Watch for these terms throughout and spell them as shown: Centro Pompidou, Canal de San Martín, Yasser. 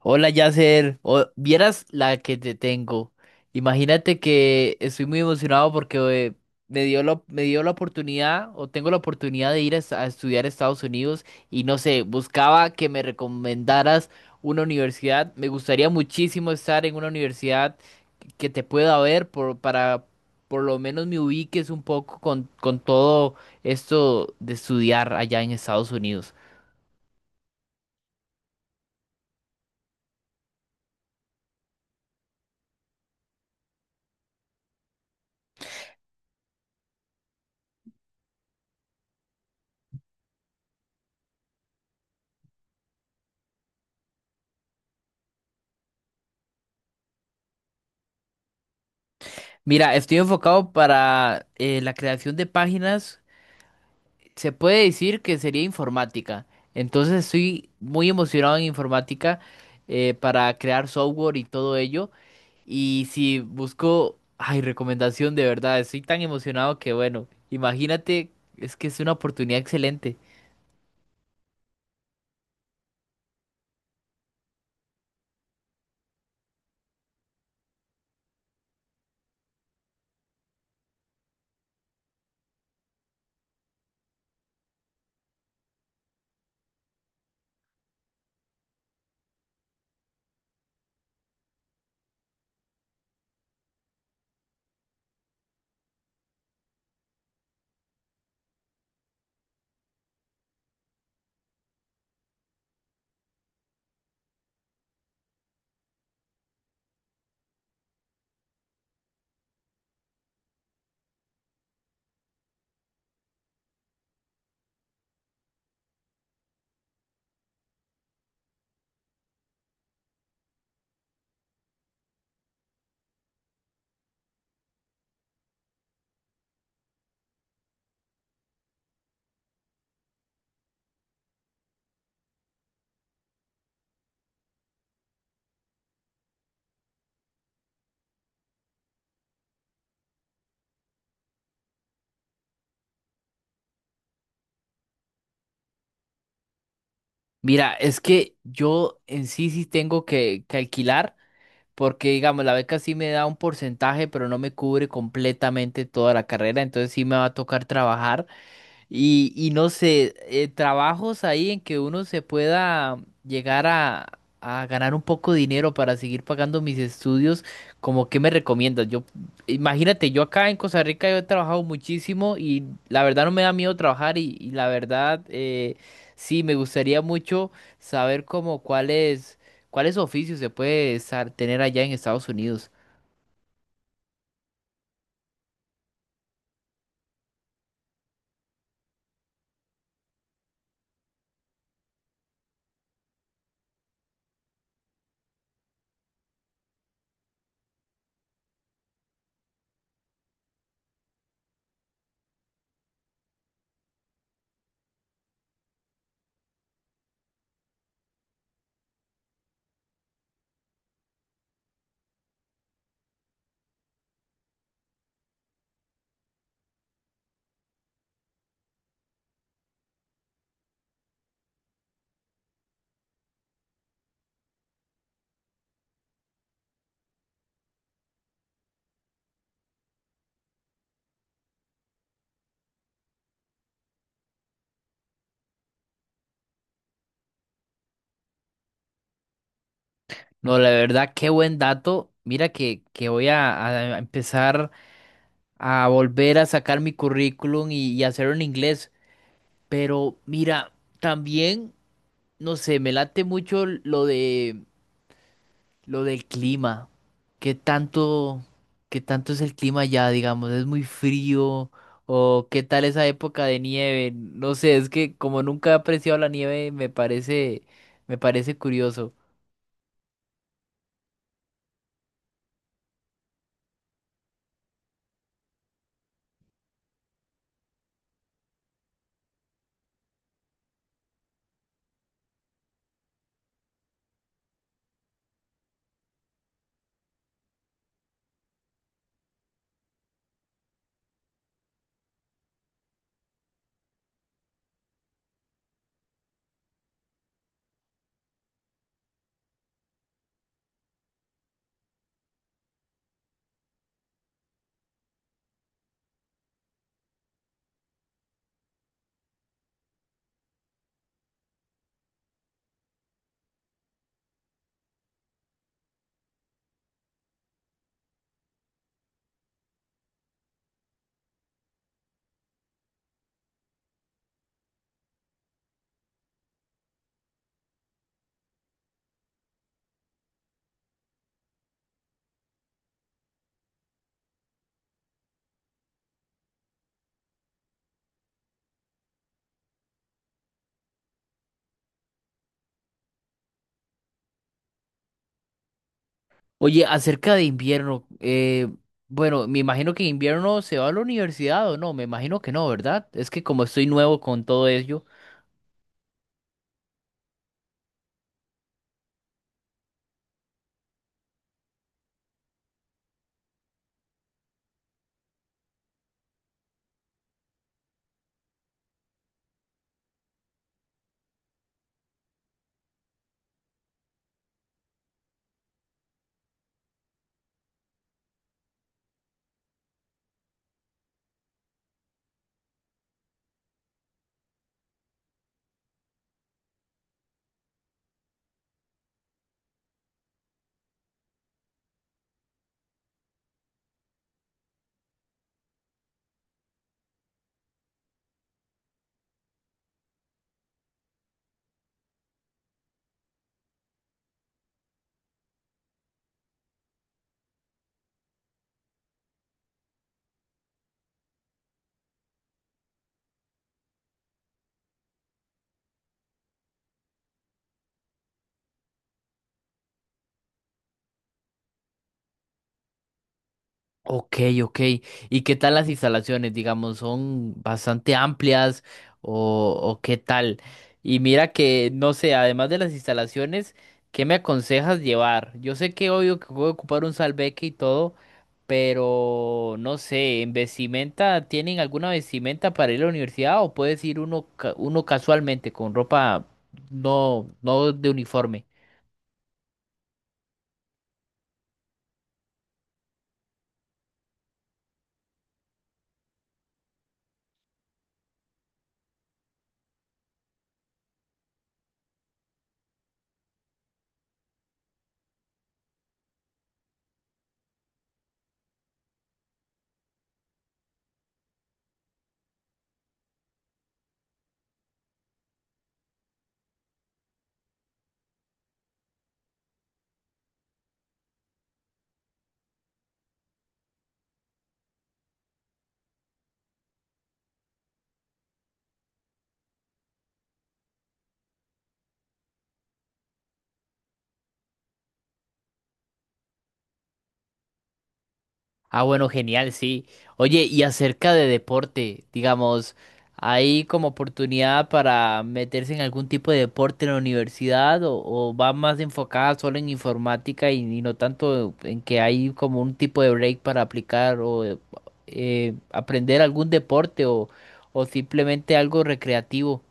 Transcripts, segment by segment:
Hola Yasser, vieras la que te tengo. Imagínate que estoy muy emocionado porque eh, me dio la oportunidad o tengo la oportunidad de ir a estudiar a Estados Unidos y no sé, buscaba que me recomendaras una universidad. Me gustaría muchísimo estar en una universidad que te pueda para por lo menos me ubiques un poco con todo esto de estudiar allá en Estados Unidos. Mira, estoy enfocado para la creación de páginas. Se puede decir que sería informática. Entonces estoy muy emocionado en informática, para crear software y todo ello. Y si busco, ay, recomendación de verdad, estoy tan emocionado que bueno, imagínate, es que es una oportunidad excelente. Mira, es que yo en sí sí tengo que alquilar, porque digamos, la beca sí me da un porcentaje, pero no me cubre completamente toda la carrera, entonces sí me va a tocar trabajar. Y no sé, trabajos ahí en que uno se pueda llegar a ganar un poco de dinero para seguir pagando mis estudios, ¿como qué me recomiendas? Yo, imagínate, yo acá en Costa Rica yo he trabajado muchísimo y la verdad no me da miedo trabajar y la verdad, sí, me gustaría mucho saber como cuáles oficios se puede estar, tener allá en Estados Unidos. No, la verdad, qué buen dato. Mira que voy a empezar a volver a sacar mi currículum y hacerlo en inglés. Pero mira, también, no sé, me late mucho lo del clima. ¿Qué tanto, qué tanto es el clima allá, digamos? ¿Es muy frío? ¿O qué tal esa época de nieve? No sé, es que como nunca he apreciado la nieve, me parece curioso. Oye, acerca de invierno, bueno, me imagino que invierno se va a la universidad o no, me imagino que no, ¿verdad? Es que como estoy nuevo con todo ello. Ok, ok. ¿Y qué tal las instalaciones? Digamos, ¿son bastante amplias o qué tal? Y mira que, no sé, además de las instalaciones, ¿qué me aconsejas llevar? Yo sé que obvio que voy a ocupar un salveque y todo, pero no sé, ¿en vestimenta tienen alguna vestimenta para ir a la universidad o puedes ir uno casualmente con ropa, no de uniforme? Ah, bueno, genial, sí. Oye, y acerca de deporte, digamos, ¿hay como oportunidad para meterse en algún tipo de deporte en la universidad o va más enfocada solo en informática y no tanto en que hay como un tipo de break para aplicar o aprender algún deporte o simplemente algo recreativo?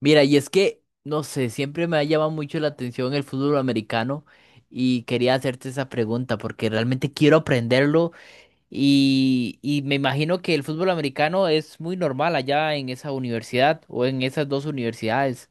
Mira, y es que, no sé, siempre me ha llamado mucho la atención el fútbol americano y quería hacerte esa pregunta porque realmente quiero aprenderlo. Y me imagino que el fútbol americano es muy normal allá en esa universidad o en esas dos universidades.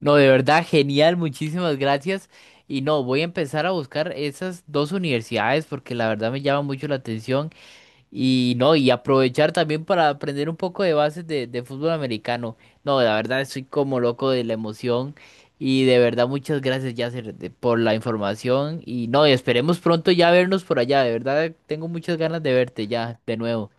No, de verdad, genial, muchísimas gracias. Y no, voy a empezar a buscar esas dos universidades porque la verdad me llama mucho la atención. Y no, y aprovechar también para aprender un poco de bases de fútbol americano. No, la verdad estoy como loco de la emoción. Y de verdad, muchas gracias, Yasser, por la información. Y no, y esperemos pronto ya vernos por allá. De verdad, tengo muchas ganas de verte ya de nuevo.